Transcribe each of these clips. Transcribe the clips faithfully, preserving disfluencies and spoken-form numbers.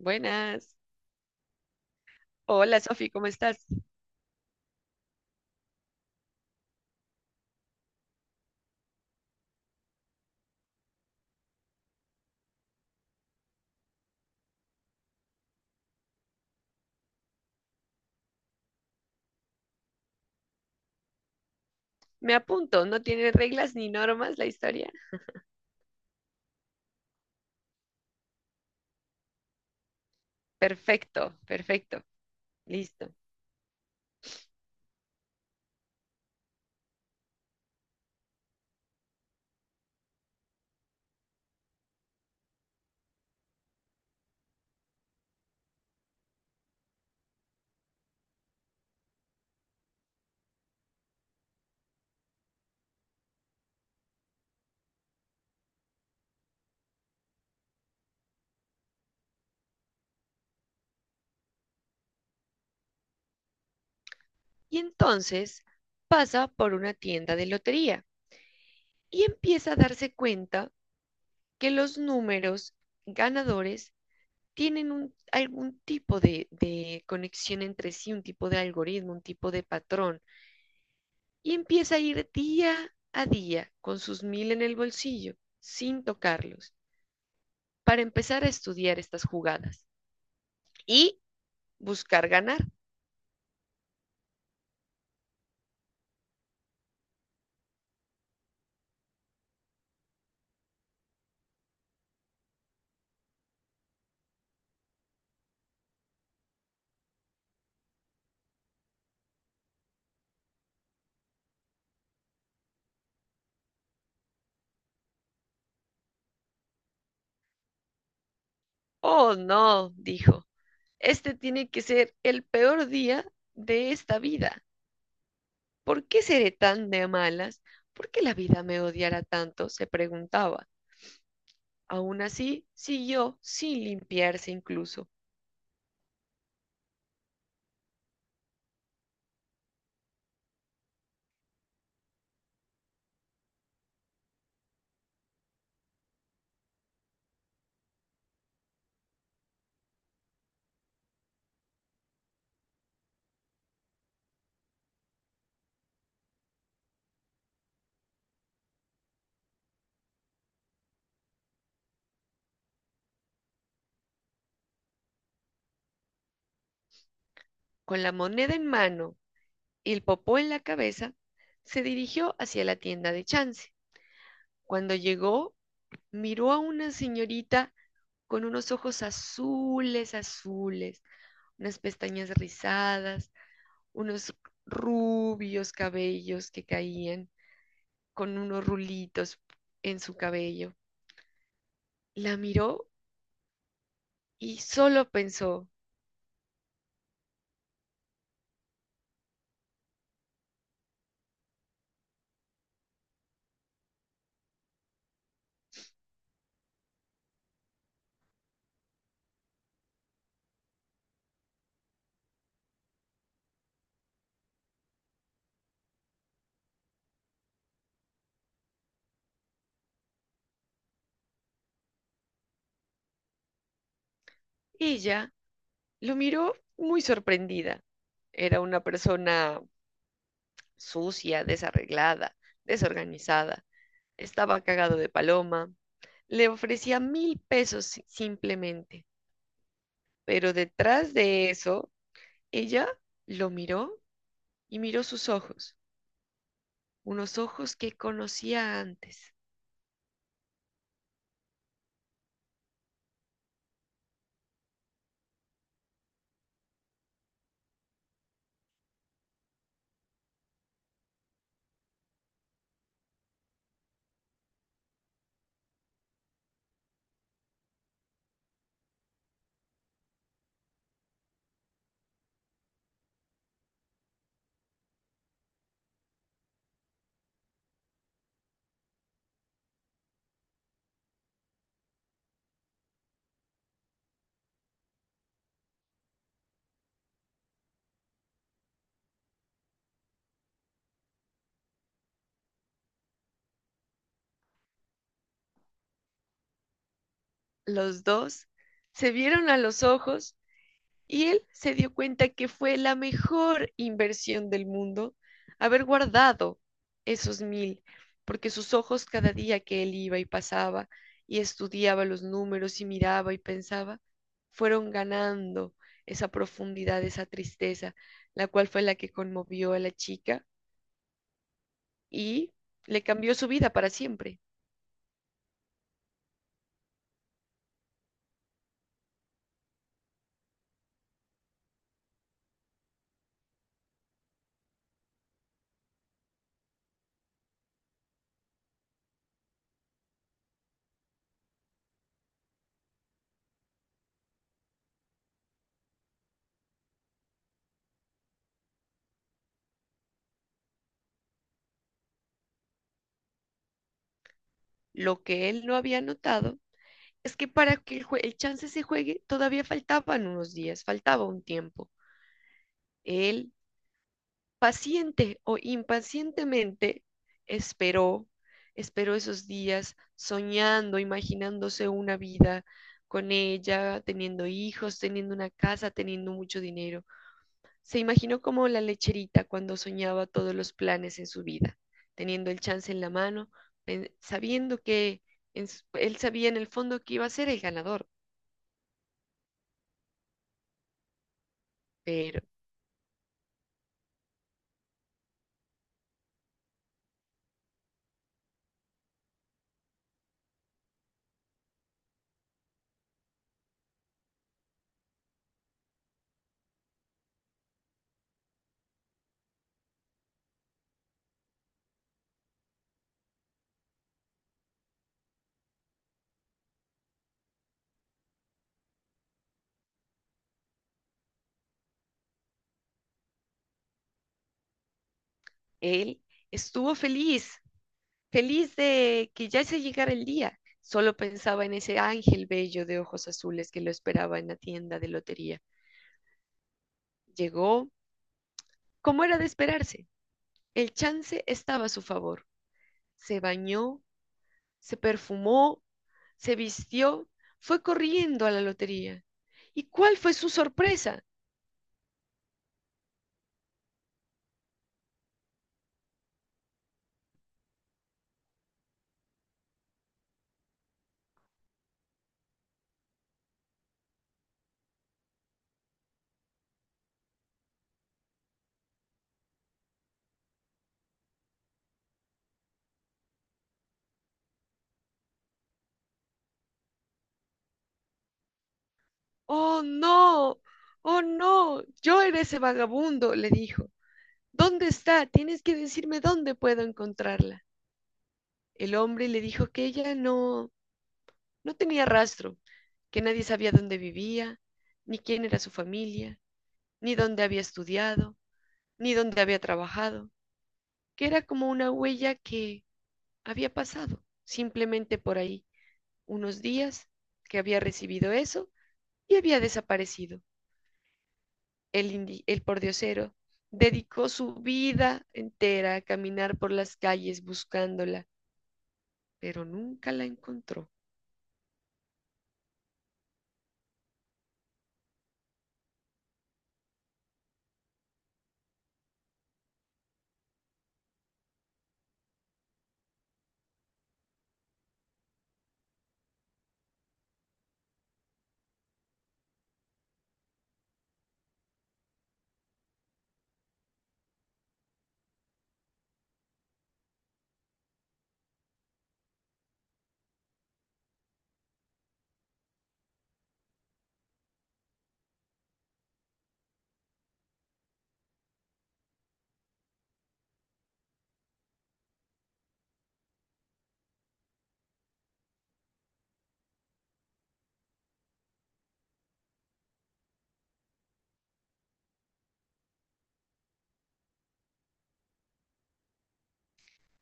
Buenas. Hola, Sofi, ¿cómo estás? Me apunto, no tiene reglas ni normas la historia. Perfecto, perfecto, listo. Y entonces pasa por una tienda de lotería y empieza a darse cuenta que los números ganadores tienen un- algún tipo de, de conexión entre sí, un tipo de algoritmo, un tipo de patrón. Y empieza a ir día a día con sus mil en el bolsillo, sin tocarlos, para empezar a estudiar estas jugadas. Y buscar ganar. Oh, no, dijo, este tiene que ser el peor día de esta vida. ¿Por qué seré tan de malas? ¿Por qué la vida me odiará tanto?, se preguntaba. Aún así, siguió sin limpiarse incluso. Con la moneda en mano y el popó en la cabeza, se dirigió hacia la tienda de Chance. Cuando llegó, miró a una señorita con unos ojos azules, azules, unas pestañas rizadas, unos rubios cabellos que caían con unos rulitos en su cabello. La miró y solo pensó. Ella lo miró muy sorprendida. Era una persona sucia, desarreglada, desorganizada. Estaba cagado de paloma. Le ofrecía mil pesos si- simplemente. Pero detrás de eso, ella lo miró y miró sus ojos, unos ojos que conocía antes. Los dos se vieron a los ojos y él se dio cuenta que fue la mejor inversión del mundo haber guardado esos mil, porque sus ojos cada día que él iba y pasaba y estudiaba los números y miraba y pensaba, fueron ganando esa profundidad, esa tristeza, la cual fue la que conmovió a la chica y le cambió su vida para siempre. Lo que él no había notado es que para que el, jue- el chance se juegue, todavía faltaban unos días, faltaba un tiempo. Él paciente o impacientemente esperó, esperó esos días soñando, imaginándose una vida con ella, teniendo hijos, teniendo una casa, teniendo mucho dinero. Se imaginó como la lecherita cuando soñaba todos los planes en su vida, teniendo el chance en la mano, pen- sabiendo que en s- él sabía en el fondo que iba a ser el ganador, pero... Él estuvo feliz, feliz de que ya se llegara el día. Solo pensaba en ese ángel bello de ojos azules que lo esperaba en la tienda de lotería. Llegó, como era de esperarse. El chance estaba a su favor. Se bañó, se perfumó, se vistió, fue corriendo a la lotería. ¿Y cuál fue su sorpresa? Oh, no, oh, no, yo era ese vagabundo, le dijo. ¿Dónde está? Tienes que decirme dónde puedo encontrarla. El hombre le dijo que ella no, no tenía rastro, que nadie sabía dónde vivía, ni quién era su familia, ni dónde había estudiado, ni dónde había trabajado, que era como una huella que había pasado simplemente por ahí unos días, que había recibido eso y había desaparecido. El, indi- el pordiosero dedicó su vida entera a caminar por las calles buscándola, pero nunca la encontró.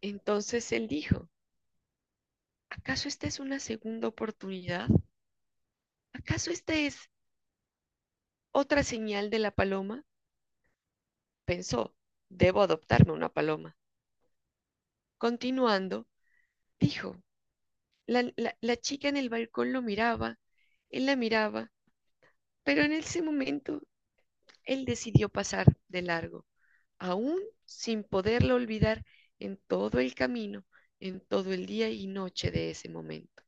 Entonces él dijo, ¿acaso esta es una segunda oportunidad? ¿Acaso esta es otra señal de la paloma? Pensó, debo adoptarme una paloma. Continuando, dijo, la, la- la chica en el balcón lo miraba, él la miraba, pero en ese momento él decidió pasar de largo, aún sin poderlo olvidar en todo el camino, en todo el día y noche de ese momento.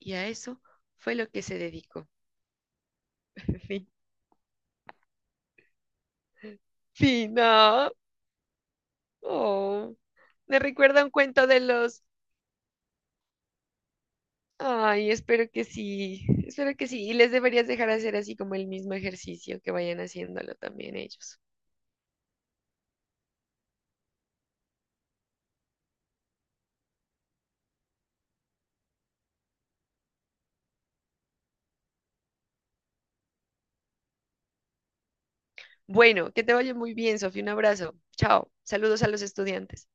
Y a eso fue lo que se dedicó. Fin. Fin. No. Oh, me recuerda un cuento de los... Ay, espero que sí, espero que sí. Y les deberías dejar hacer así como el mismo ejercicio, que vayan haciéndolo también ellos. Bueno, que te vaya muy bien, Sofía. Un abrazo. Chao. Saludos a los estudiantes.